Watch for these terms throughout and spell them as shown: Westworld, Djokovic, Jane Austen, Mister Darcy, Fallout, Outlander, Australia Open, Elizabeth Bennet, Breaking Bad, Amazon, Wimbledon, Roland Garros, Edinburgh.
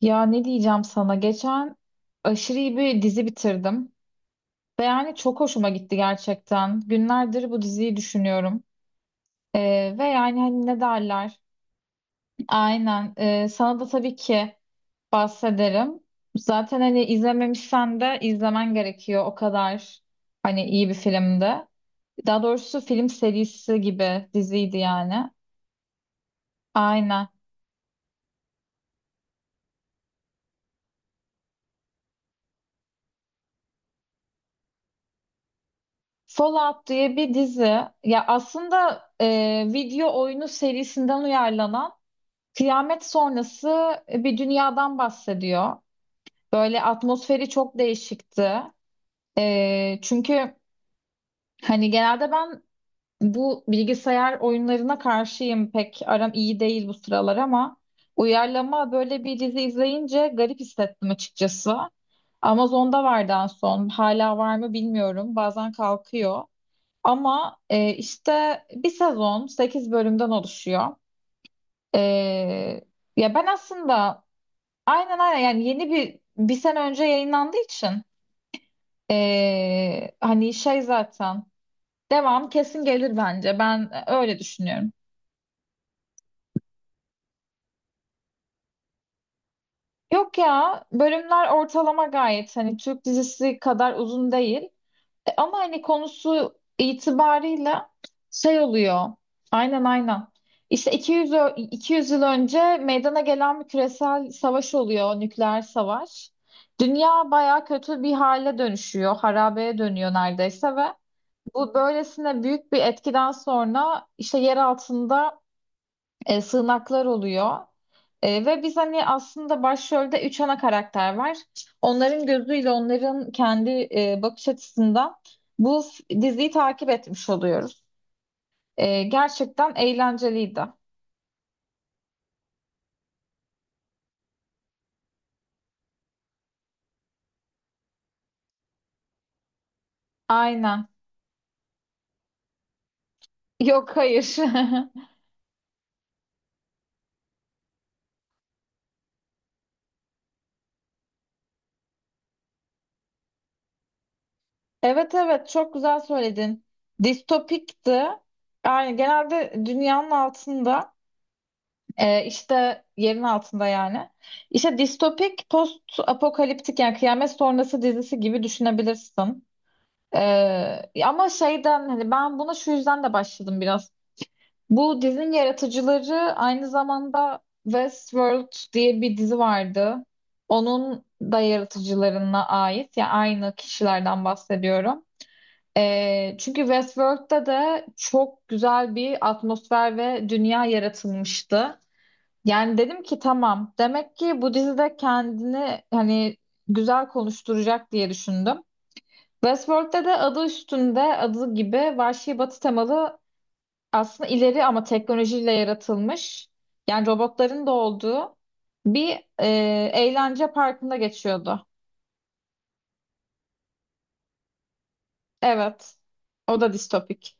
Ya ne diyeceğim sana? Geçen aşırı iyi bir dizi bitirdim. Ve yani çok hoşuma gitti gerçekten. Günlerdir bu diziyi düşünüyorum. Ve yani hani ne derler? Aynen. Sana da tabii ki bahsederim. Zaten hani izlememişsen de izlemen gerekiyor. O kadar hani iyi bir filmdi. Daha doğrusu film serisi gibi diziydi yani. Aynen. Fallout diye bir dizi. Ya aslında video oyunu serisinden uyarlanan kıyamet sonrası bir dünyadan bahsediyor. Böyle atmosferi çok değişikti. Çünkü hani genelde ben bu bilgisayar oyunlarına karşıyım. Pek aram iyi değil bu sıralar ama uyarlama böyle bir dizi izleyince garip hissettim açıkçası. Amazon'da vardı en son. Hala var mı bilmiyorum. Bazen kalkıyor. Ama işte bir sezon 8 bölümden oluşuyor. Ee, ya ben aslında aynen, yani yeni bir sene önce yayınlandığı için hani şey zaten devam kesin gelir bence, ben öyle düşünüyorum. Yok ya, bölümler ortalama gayet hani Türk dizisi kadar uzun değil. Ama hani konusu itibarıyla şey oluyor, aynen, işte 200 yıl önce meydana gelen bir küresel savaş oluyor, nükleer savaş. Dünya baya kötü bir hale dönüşüyor, harabeye dönüyor neredeyse. Ve bu böylesine büyük bir etkiden sonra işte yer altında sığınaklar oluyor. Ve biz hani aslında başrolde üç ana karakter var. Onların gözüyle, onların kendi bakış açısından diziyi takip etmiş oluyoruz. Gerçekten eğlenceliydi. Aynen. Yok, hayır. Evet, evet, çok güzel söyledin. Distopikti. Yani genelde dünyanın altında. İşte yerin altında yani. İşte distopik, post apokaliptik, yani kıyamet sonrası dizisi gibi düşünebilirsin. Ama şeyden, hani ben buna şu yüzden de başladım biraz. Bu dizinin yaratıcıları aynı zamanda Westworld diye bir dizi vardı. Onun da yaratıcılarına ait, ya yani aynı kişilerden bahsediyorum. Çünkü Westworld'da da çok güzel bir atmosfer ve dünya yaratılmıştı. Yani dedim ki tamam. Demek ki bu dizide kendini hani güzel konuşturacak diye düşündüm. Westworld'de de adı üstünde, adı gibi vahşi batı temalı, aslında ileri ama teknolojiyle yaratılmış. Yani robotların da olduğu bir e, eğlence parkında geçiyordu. Evet. O da distopik.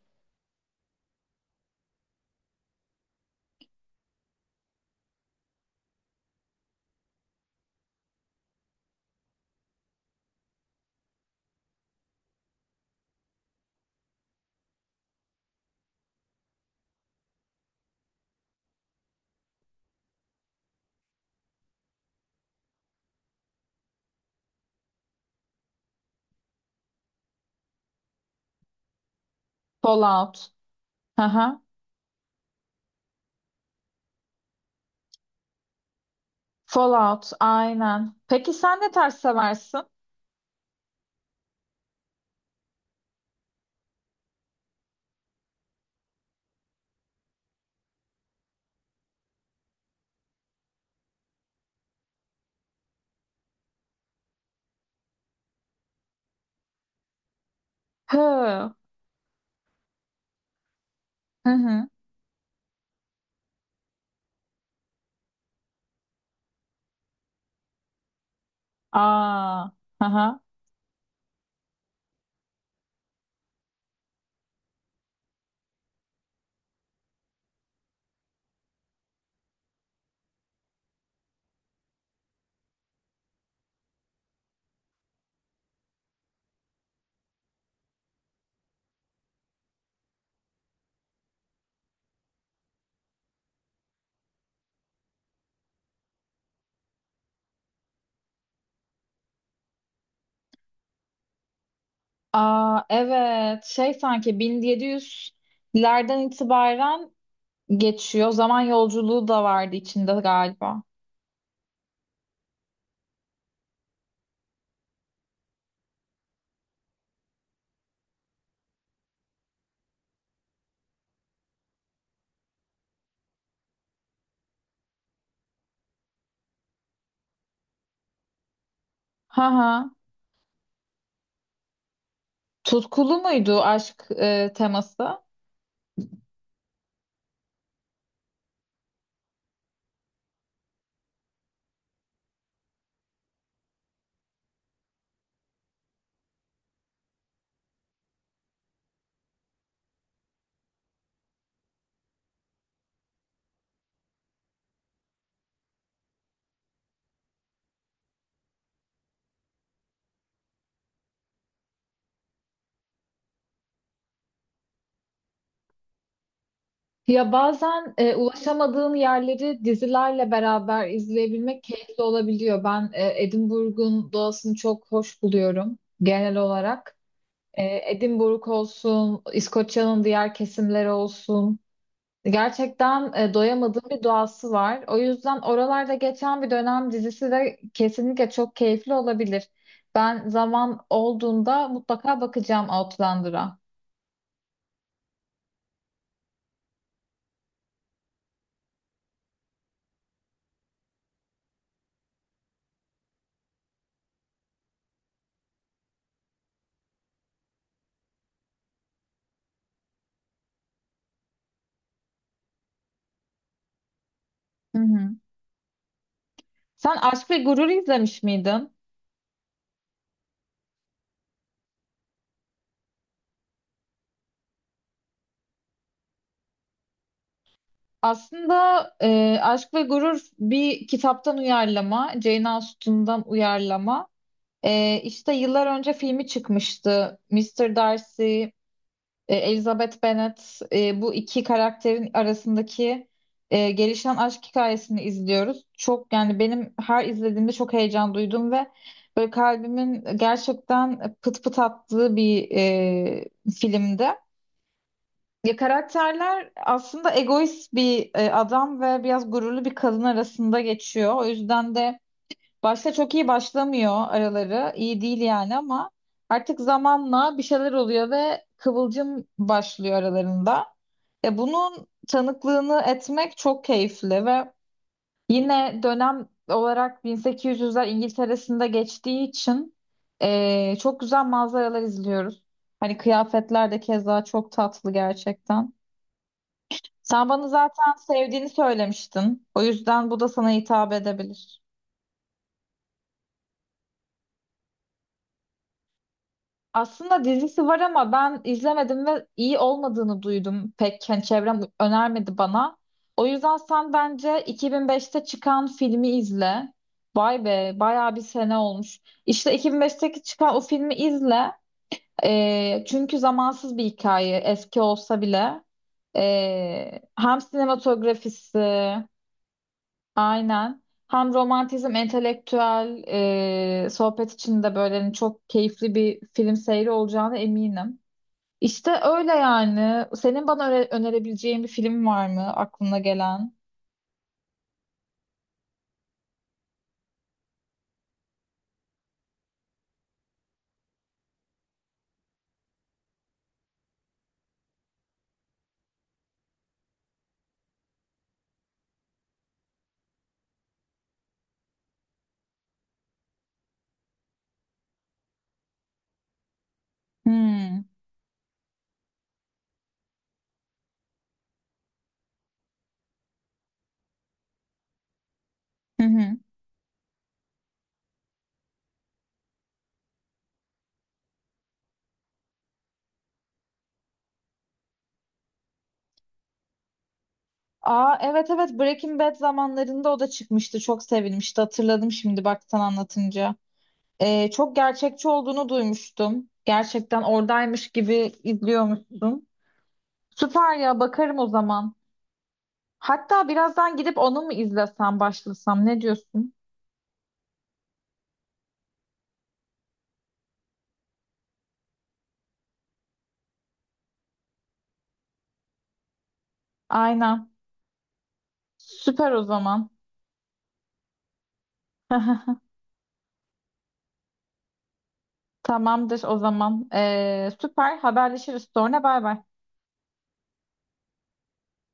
Fallout. Hı hı. Fallout. Aynen. Peki sen ne tarz seversin? Hı. Hı hı. Aa. Hı hı. Aa, evet, şey sanki bin yedi yüzlerden itibaren geçiyor. Zaman yolculuğu da vardı içinde galiba. Ha ha. Tutkulu muydu aşk teması? Ya bazen ulaşamadığın yerleri dizilerle beraber izleyebilmek keyifli olabiliyor. Ben Edinburgh'un doğasını çok hoş buluyorum genel olarak. Edinburgh olsun, İskoçya'nın diğer kesimleri olsun. Gerçekten doyamadığım bir doğası var. O yüzden oralarda geçen bir dönem dizisi de kesinlikle çok keyifli olabilir. Ben zaman olduğunda mutlaka bakacağım Outlander'a. Hı hı. Sen Aşk ve Gurur izlemiş miydin? Aslında Aşk ve Gurur bir kitaptan uyarlama, Jane Austen'dan uyarlama. İşte yıllar önce filmi çıkmıştı. Mister Darcy, Elizabeth Bennet, bu iki karakterin arasındaki gelişen aşk hikayesini izliyoruz. Çok, yani benim her izlediğimde çok heyecan duydum ve böyle kalbimin gerçekten pıt pıt attığı bir filmdi. Ya karakterler aslında egoist bir adam ve biraz gururlu bir kadın arasında geçiyor. O yüzden de başta çok iyi başlamıyor araları. İyi değil yani, ama artık zamanla bir şeyler oluyor ve kıvılcım başlıyor aralarında. Bunun tanıklığını etmek çok keyifli ve yine dönem olarak 1800'ler İngiltere'sinde geçtiği için çok güzel manzaralar izliyoruz. Hani kıyafetler de keza çok tatlı gerçekten. Sen bana zaten sevdiğini söylemiştin. O yüzden bu da sana hitap edebilir. Aslında dizisi var ama ben izlemedim ve iyi olmadığını duydum. Pek hani çevrem önermedi bana. O yüzden sen bence 2005'te çıkan filmi izle. Vay be, bayağı bir sene olmuş. İşte 2005'teki çıkan o filmi izle. Çünkü zamansız bir hikaye, eski olsa bile. Hem sinematografisi aynen. Hem romantizm, entelektüel sohbet için de böyle hani çok keyifli bir film seyri olacağına eminim. İşte öyle yani. Senin bana önerebileceğin bir film var mı aklına gelen? Hmm. Hı hı. Aa, evet evet, Breaking Bad zamanlarında o da çıkmıştı. Çok sevilmişti. Hatırladım şimdi bak sen anlatınca. Çok gerçekçi olduğunu duymuştum. Gerçekten oradaymış gibi izliyormuştum. Süper ya, bakarım o zaman. Hatta birazdan gidip onu mu izlesem, başlasam, ne diyorsun? Aynen. Süper o zaman. Tamamdır o zaman. Süper, haberleşiriz sonra, bay bay.